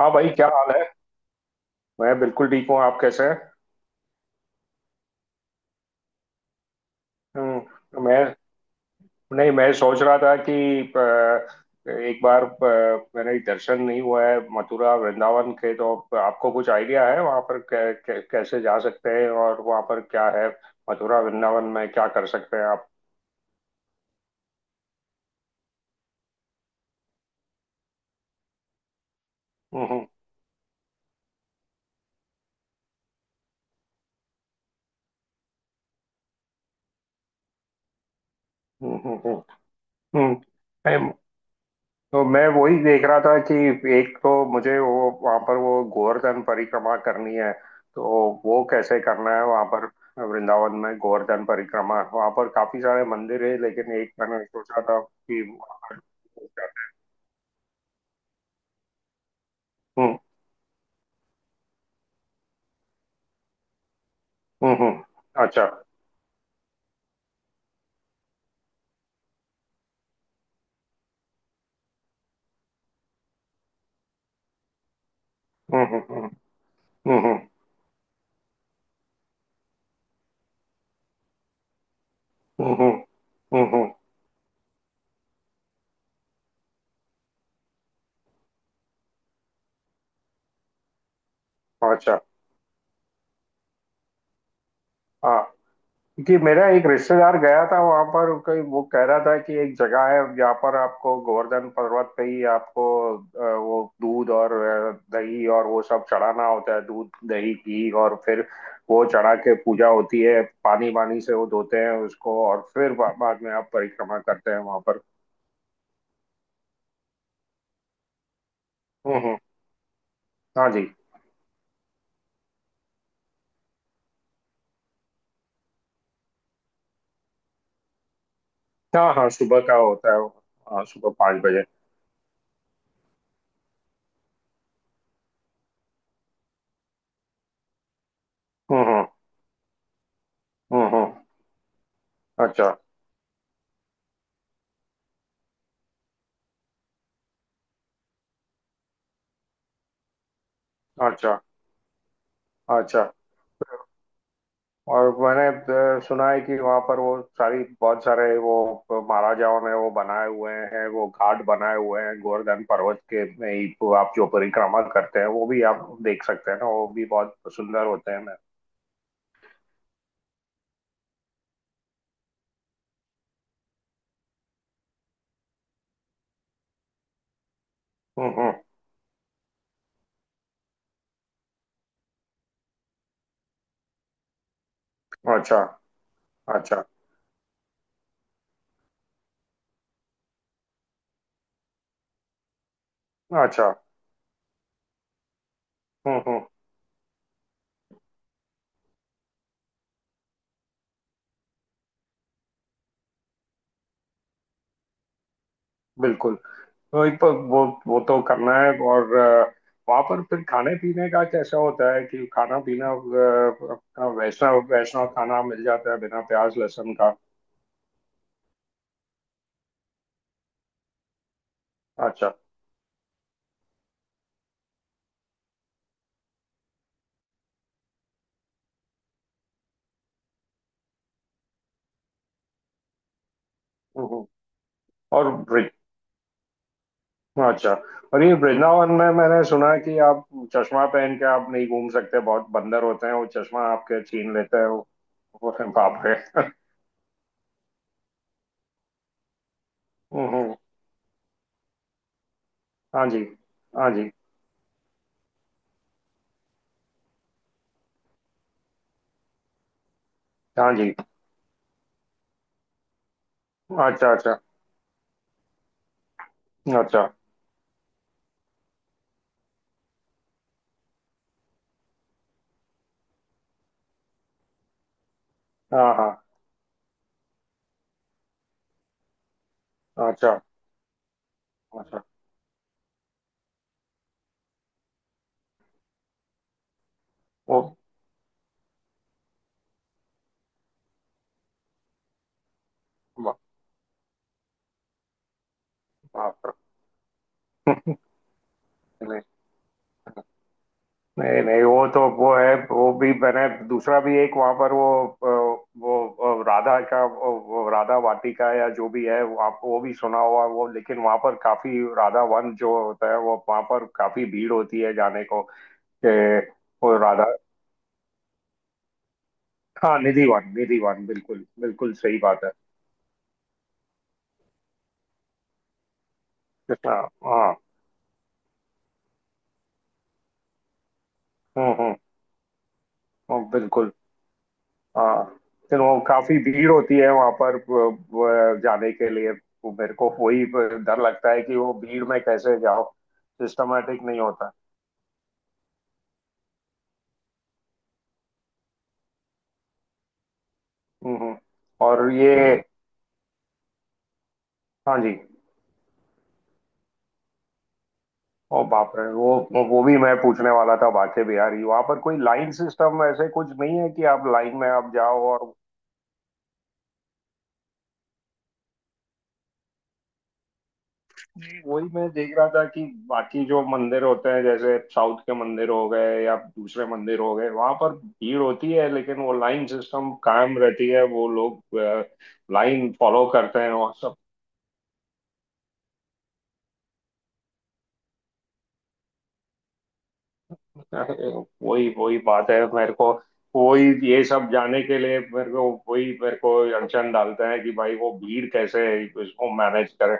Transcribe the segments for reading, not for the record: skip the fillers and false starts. हाँ भाई, क्या हाल है। मैं बिल्कुल ठीक हूँ। आप कैसे हैं। मैं, नहीं मैं सोच रहा था कि एक बार मैंने दर्शन नहीं हुआ है मथुरा वृंदावन के, तो आपको कुछ आइडिया है वहाँ पर कै, कै, कैसे जा सकते हैं और वहाँ पर क्या है। मथुरा वृंदावन में क्या कर सकते हैं आप। हम्म। हम्म। हम्म। हम्म। हम्म, हम्म। तो मैं वही देख रहा था कि एक तो मुझे वो वहां पर वो गोवर्धन परिक्रमा करनी है। तो वो कैसे करना है वहां पर। वृंदावन में गोवर्धन परिक्रमा, वहां पर काफी सारे मंदिर है, लेकिन एक मैंने सोचा था कि वहाँ पर- हम्म। हम्म। अच्छा। हम्म। हम्म। हम्म। हम्म। हम्म। हम्म। हम्म, हम्म, अच्छा। हाँ, कि मेरा एक रिश्तेदार गया था वहां पर, कोई वो कह रहा था कि एक जगह है जहाँ पर आपको गोवर्धन पर्वत पे ही आपको वो दूध और दही और वो सब चढ़ाना होता है, दूध दही घी, और फिर वो चढ़ा के पूजा होती है, पानी वानी से वो धोते हैं उसको, और फिर बाद में आप परिक्रमा करते हैं वहां पर। हम्म। हम्म। हाँ जी। हाँ, हाँ सुबह का होता है वो। हाँ, सुबह 5 बजे। हम्म। हम्म। हम्म। हम्म। अच्छा। अच्छा। अच्छा। और मैंने सुना है कि वहां पर वो सारी, बहुत सारे वो महाराजाओं ने वो बनाए हुए हैं, वो घाट बनाए हुए हैं गोवर्धन पर्वत के में ही, तो आप जो परिक्रमा करते हैं वो भी आप देख सकते हैं ना, वो भी बहुत सुंदर होते हैं ना। हम्म। हम्म। अच्छा। अच्छा। अच्छा। हम्म। हम्म। बिल्कुल। तो एक तो वो तो करना है, और वहाँ पर फिर खाने पीने का कैसा होता है, कि खाना पीना अपना वैष्णव वैष्णव खाना मिल जाता है बिना प्याज लहसुन का। अच्छा। हम्म। हम्म। और ब्रे, अच्छा। और ये वृंदावन में मैंने सुना है कि आप चश्मा पहन के आप नहीं घूम सकते, बहुत बंदर होते हैं, वो चश्मा आपके छीन लेते हैं वो। वो है, बाप रे। हम्म। हम्म। हाँ जी। हाँ जी। हाँ जी। अच्छा। अच्छा। अच्छा। हाँ। हाँ। अच्छा। अच्छा। ओ, बा- बाप रे, नहीं। नहीं, नहीं, वो तो वो है, वो भी मैंने दूसरा भी एक वहां पर वो अ, वो राधा का वो राधा वाटिका या जो भी है वो, आप वो भी सुना हुआ वो, लेकिन वहां पर काफी राधा वन जो होता है वो वहां पर काफी भीड़ होती है जाने को। ए, वो राधा, हाँ निधि वन। निधि वन, बिल्कुल बिल्कुल सही बात है। हाँ। हाँ। हम्म। हम्म। बिल्कुल। हाँ। फिर वो काफी भीड़ होती है वहां पर, जाने के लिए। वो मेरे को वही डर लगता है कि वो भीड़ में कैसे जाओ। सिस्टमेटिक नहीं होता। हम्म। और ये, हाँ जी। ओ बाप रे, वो भी मैं पूछने वाला था, बाके बिहारी वहां पर कोई लाइन सिस्टम ऐसे कुछ नहीं है, कि आप लाइन में आप जाओ। और वही मैं देख रहा था कि बाकी जो मंदिर होते हैं, जैसे साउथ के मंदिर हो गए या दूसरे मंदिर हो गए, वहां पर भीड़ होती है, लेकिन वो लाइन सिस्टम कायम रहती है, वो लोग लाइन फॉलो करते हैं और सब। वही वही बात है मेरे को, वही। ये सब जाने के लिए मेरे को, वही मेरे को अड़चन डालते हैं कि भाई वो भीड़ कैसे इसको मैनेज करें।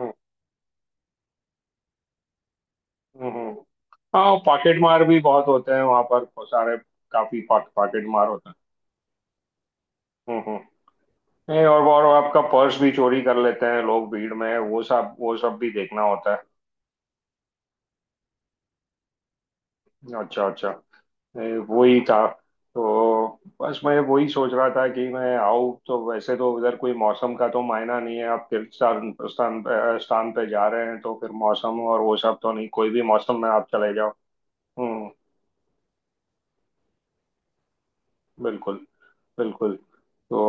हम्म, हम्म। हाँ, पॉकेट मार भी बहुत होते हैं वहां पर सारे, काफी पॉकेट मार होते हैं। हम्म। हम्म। नहीं, और आपका पर्स भी चोरी कर लेते हैं लोग भीड़ में, वो सब भी देखना होता है। अच्छा। अच्छा। वही था। तो बस मैं वही सोच रहा था कि मैं आऊँ, तो वैसे तो उधर कोई मौसम का तो मायना नहीं है, आप तीर्थ स्थान स्थान पे जा रहे हैं, तो फिर मौसम और वो सब तो नहीं, कोई भी मौसम में आप चले जाओ। हम्म। बिल्कुल। बिल्कुल। तो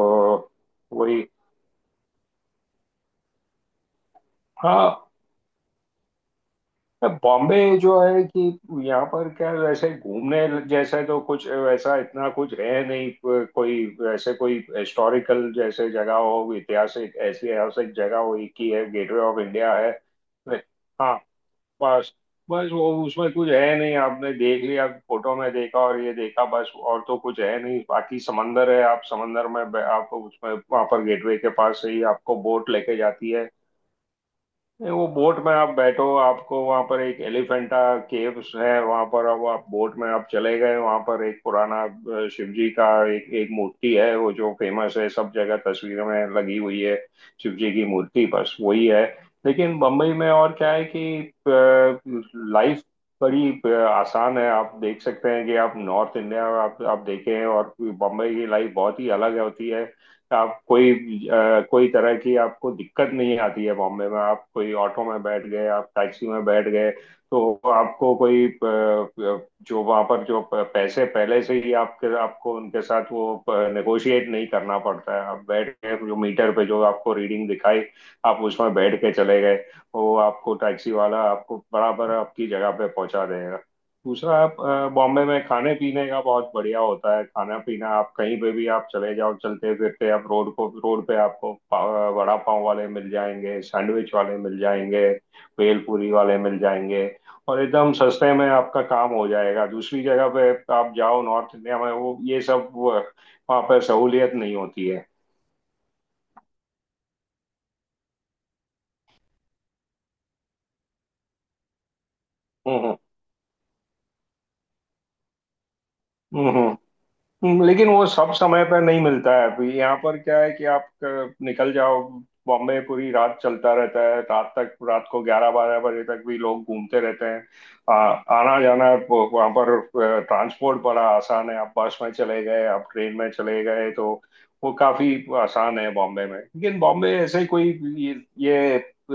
वही। हाँ। बॉम्बे जो है, कि यहाँ पर क्या वैसे घूमने जैसे तो कुछ वैसा इतना कुछ है नहीं, कोई वैसे, कोई हिस्टोरिकल जैसे जगह हो, ऐतिहासिक ऐतिहासिक जगह हो, एक ही है, गेटवे ऑफ इंडिया है। हाँ। बस। बस वो उसमें कुछ है नहीं, आपने देख लिया फोटो में, देखा और ये देखा, बस और तो कुछ है नहीं, बाकी समंदर है, आप समंदर में आप उसमें वहां पर गेटवे के पास से ही आपको बोट लेके जाती है। नहीं, वो बोट में आप बैठो, आपको वहां पर एक एलिफेंटा केव्स है वहां पर, अब आप बोट में आप चले गए वहां पर, एक पुराना शिव जी का एक एक मूर्ति है, वो जो फेमस है सब जगह तस्वीरों में लगी हुई है, शिव जी की मूर्ति, बस वही है। लेकिन बम्बई में और क्या है कि लाइफ बड़ी आसान है, आप देख सकते हैं कि आप नॉर्थ इंडिया आप देखें, और बम्बई की लाइफ बहुत ही अलग होती है। आप कोई कोई तरह की आपको दिक्कत नहीं आती है बॉम्बे में, आप कोई ऑटो में बैठ गए, आप टैक्सी में बैठ गए, तो आपको कोई जो वहां पर जो पैसे पहले से ही आपके, आपको उनके साथ वो नेगोशिएट नहीं करना पड़ता है, आप बैठ गए जो मीटर पे जो आपको रीडिंग दिखाई, आप उसमें बैठ के चले गए, वो आपको टैक्सी वाला आपको बराबर आपकी जगह पे पहुंचा देगा। दूसरा, आप बॉम्बे में खाने पीने का बहुत बढ़िया होता है, खाना पीना आप कहीं पे भी आप चले जाओ चलते फिरते, आप रोड पे आपको वड़ा पाव वाले मिल जाएंगे, सैंडविच वाले मिल जाएंगे, भेल पूरी वाले मिल जाएंगे, और एकदम सस्ते में आपका काम हो जाएगा। दूसरी जगह पे आप जाओ नॉर्थ इंडिया में, वो ये सब वो- वहाँ पे सहूलियत नहीं होती है। हम्म। हम्म। हम्म। हम्म। लेकिन वो सब समय पर नहीं मिलता है, अभी यहाँ पर क्या है कि आप निकल जाओ, बॉम्बे पूरी रात चलता रहता है, रात तक, रात को 11-12 बजे तक भी लोग घूमते रहते हैं। आ, आना जाना वो- वहाँ पर ट्रांसपोर्ट बड़ा आसान है, आप बस में चले गए, आप ट्रेन में चले गए, तो वो काफी आसान है बॉम्बे में। लेकिन बॉम्बे ऐसे कोई ये, ये अ,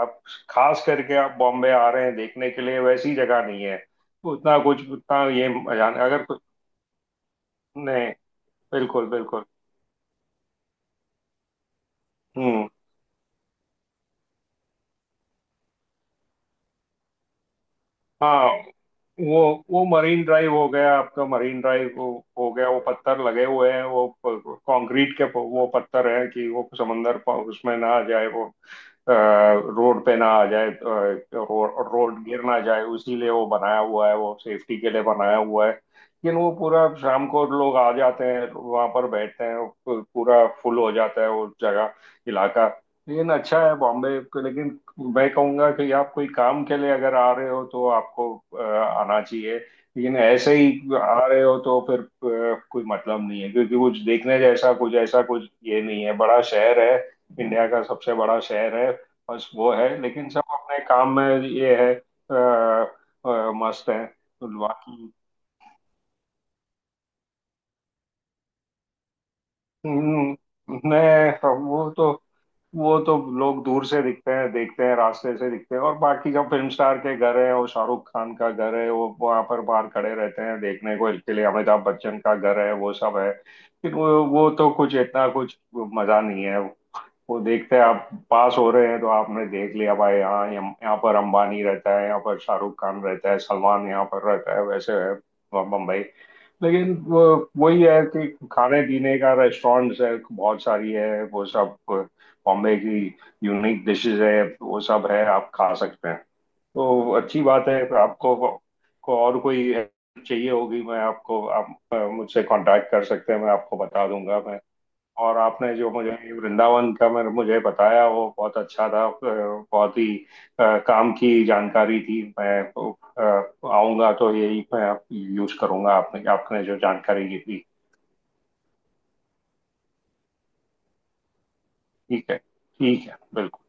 आप, खास करके आप बॉम्बे आ रहे हैं देखने के लिए, वैसी जगह नहीं है, उतना कुछ उतना ये मजा नहीं- अगर कुछ नहीं, बिल्कुल। बिल्कुल। हम्म। हाँ, वो वो मरीन ड्राइव हो गया आपका, मरीन ड्राइव हो गया, वो पत्थर लगे हुए हैं वो कंक्रीट के वो पत्थर हैं कि वो समंदर उसमें ना आ जाए, वो रोड पे ना आ जाए, रोड रोड गिर ना जाए, उसीलिए वो बनाया हुआ है, वो सेफ्टी के लिए बनाया हुआ है। लेकिन वो पूरा शाम को लोग आ जाते हैं वहां पर बैठते हैं, वो पूरा फुल हो जाता है वो जगह, इलाका। लेकिन अच्छा है बॉम्बे को, लेकिन मैं कहूंगा कि आप कोई काम के लिए अगर आ रहे हो तो आपको आना चाहिए, लेकिन ऐसे ही आ रहे हो तो फिर कोई मतलब नहीं है, क्योंकि कुछ देखने जैसा कुछ ऐसा कुछ ये नहीं है, बड़ा शहर है, इंडिया का सबसे बड़ा शहर है, बस वो है, लेकिन सब अपने काम में ये है, मस्त है बाकी। हम्म, नहीं, वो तो लोग दूर से दिखते हैं, देखते हैं, रास्ते से दिखते हैं, और बाकी जो फिल्म स्टार के घर है, वो शाहरुख खान का घर है, वो वहां पर बाहर खड़े रहते हैं देखने को इसके लिए, अमिताभ बच्चन का घर है, वो सब है, लेकिन वो तो कुछ इतना कुछ मजा नहीं है। वो देखते हैं आप पास हो रहे हैं, तो आपने देख लिया भाई यहाँ यहाँ पर अंबानी रहता है, यहाँ पर शाहरुख खान रहता है, सलमान यहाँ पर रहता है, वैसे है बम्बई। लेकिन वो वही है कि खाने पीने का रेस्टोरेंट्स है बहुत सारी है, वो सब बॉम्बे की यूनिक डिशेस है, वो सब है आप खा सकते हैं, तो अच्छी बात है। आपको, को और कोई help चाहिए होगी, मैं आपको, आप मुझसे कांटेक्ट कर सकते हैं, मैं आपको बता दूंगा। और आपने जो मुझे वृंदावन का मेरे मुझे बताया वो बहुत अच्छा था, बहुत ही काम की जानकारी थी, मैं आऊंगा तो यही मैं यूज करूंगा आपने आपने जो जानकारी दी थी। ठीक है, ठीक है, बिल्कुल।